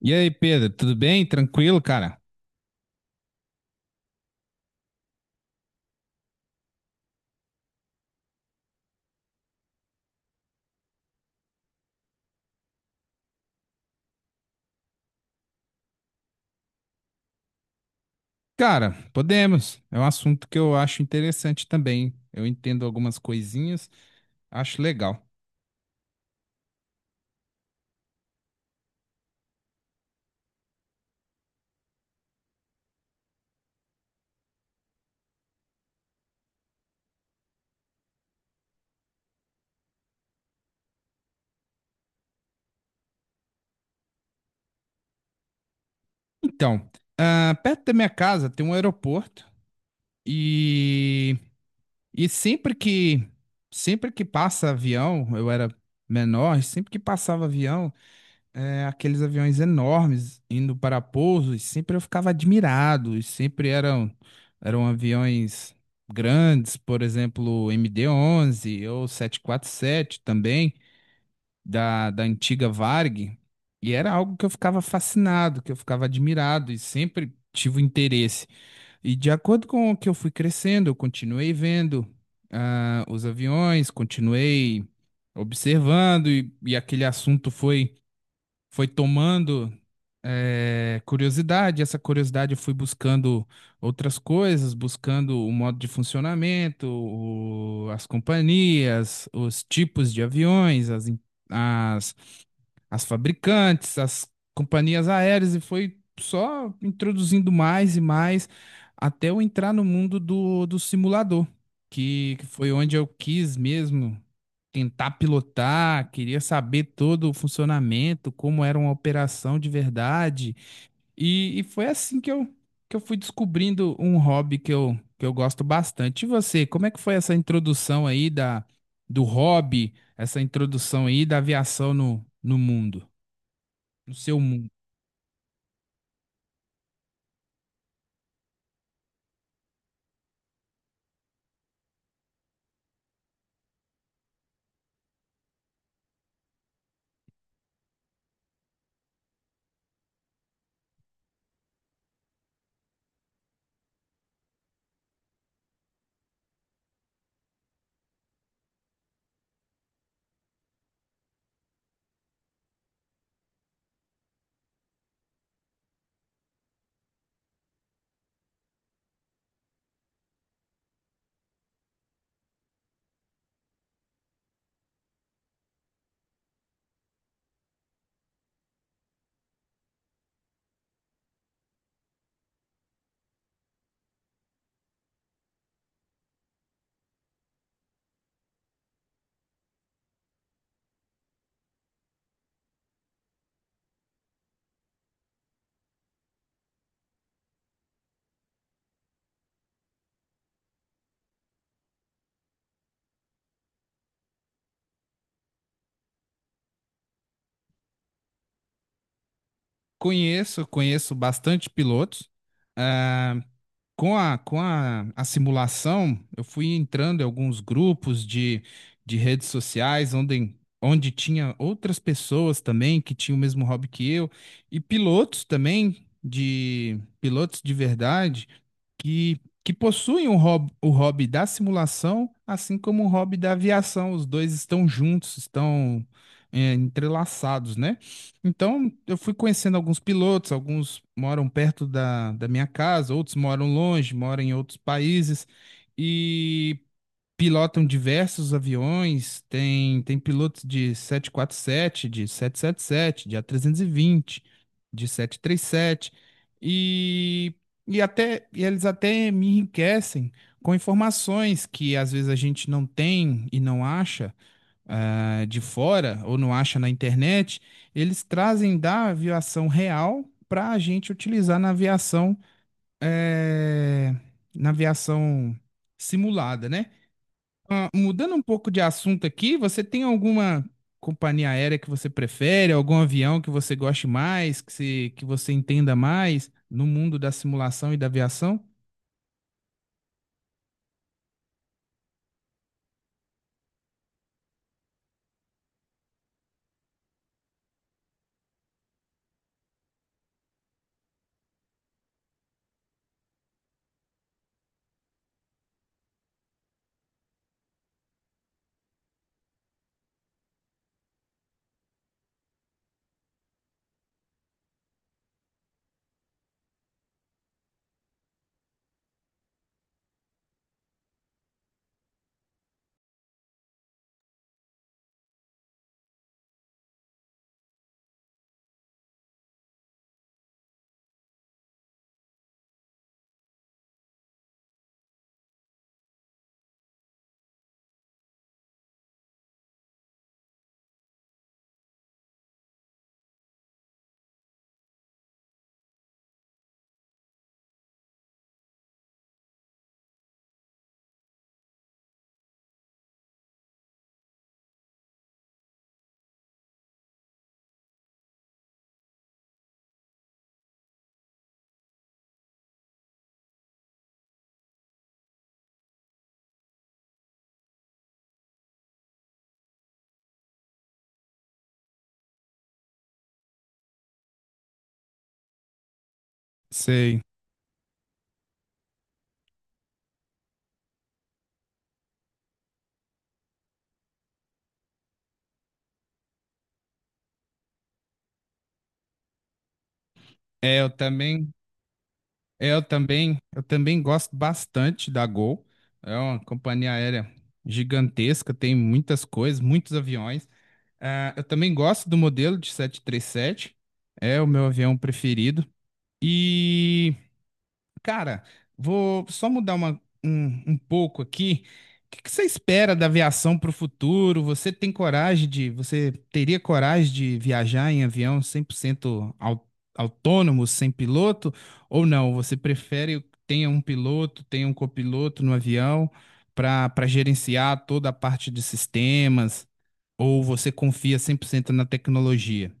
E aí, Pedro, tudo bem? Tranquilo, cara? Cara, podemos. É um assunto que eu acho interessante também. Eu entendo algumas coisinhas, acho legal. Então, perto da minha casa tem um aeroporto e, e sempre que passa avião, eu era menor, sempre que passava avião, aqueles aviões enormes indo para pouso, e sempre eu ficava admirado, e sempre eram aviões grandes, por exemplo, o MD-11 ou 747 também, da antiga Varg, e era algo que eu ficava fascinado, que eu ficava admirado, e sempre tive interesse. E de acordo com o que eu fui crescendo, eu continuei vendo os aviões, continuei observando, e aquele assunto foi tomando curiosidade. Essa curiosidade eu fui buscando outras coisas, buscando o modo de funcionamento, o- as companhias, os tipos de aviões, as, em- as, as fabricantes, as companhias aéreas, e foi só introduzindo mais e mais até eu entrar no mundo do simulador, que foi onde eu quis mesmo. Tentar pilotar, queria saber todo o funcionamento, como era uma operação de verdade. E foi assim que eu fui descobrindo um hobby que eu gosto bastante. E você, como é que foi essa introdução aí do hobby, essa introdução aí da aviação no mundo, no seu mundo? Conheço bastante pilotos. ah, com a simulação, eu fui entrando em alguns grupos de redes sociais onde tinha outras pessoas também que tinham o mesmo hobby que eu, e pilotos também, de pilotos de verdade, que possuem o hobby da simulação, assim como o hobby da aviação. Os dois estão juntos, entrelaçados, né? Então, eu fui conhecendo alguns pilotos, alguns moram perto da minha casa, outros moram longe, moram em outros países e pilotam diversos aviões. Tem pilotos de 747 de 777 de A320 de 737 e, e eles até me enriquecem com informações que às vezes a gente não tem e não acha de fora ou não acha na internet, eles trazem da aviação real para a gente utilizar eh, na aviação simulada, né? Ah, mudando um pouco de assunto aqui, você tem alguma companhia aérea que você prefere, algum avião que você goste mais, que, se, que você entenda mais no mundo da simulação e da aviação? Sei. É, eu também. É. Eu também gosto bastante da Gol. É uma companhia aérea gigantesca, tem muitas coisas, muitos aviões. Ah, eu também gosto do modelo de 737. É o meu avião preferido. E cara, vou só mudar um pouco aqui. O que que você espera da aviação para o futuro? Você tem coragem de, você teria coragem de viajar em avião 100% au- autônomo, sem piloto? Ou não? Você prefere que tenha um piloto, tenha um copiloto no avião para gerenciar toda a parte de sistemas? Ou você confia 100% na tecnologia?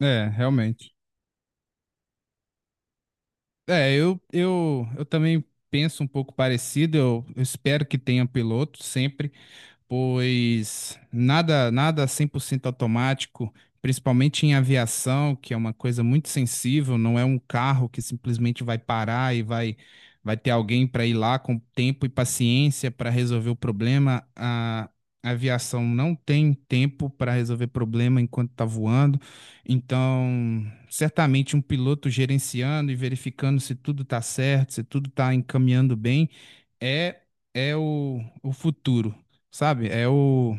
É, realmente. É, eu também penso um pouco parecido. Eu espero que tenha piloto sempre pois nada 100% automático, principalmente em aviação, que é uma coisa muito sensível, não é um carro que simplesmente vai parar e vai, vai ter alguém para ir lá com tempo e paciência para resolver o problema. A aviação não tem tempo para resolver problema enquanto está voando, então certamente um piloto gerenciando e verificando se tudo está certo, se tudo está encaminhando bem é é o futuro, sabe? É o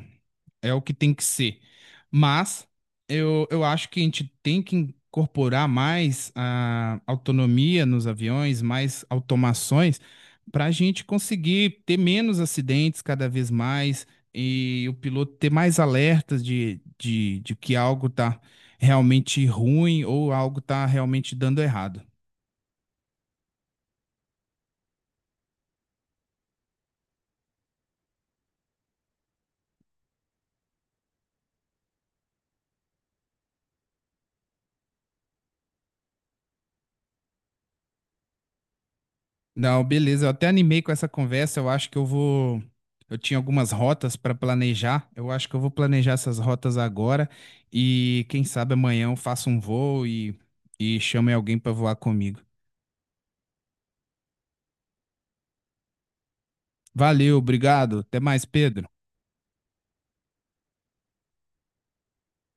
é o que tem que ser. Mas eu acho que a gente tem que incorporar mais a autonomia nos aviões, mais automações, para a gente conseguir ter menos acidentes cada vez mais e o piloto ter mais alertas de que algo está realmente ruim ou algo está realmente dando errado. Não, beleza. Eu até animei com essa conversa. Eu acho que eu vou. Eu tinha algumas rotas para planejar. Eu acho que eu vou planejar essas rotas agora. E quem sabe amanhã eu faço um voo e chame alguém para voar comigo. Valeu, obrigado. Até mais, Pedro.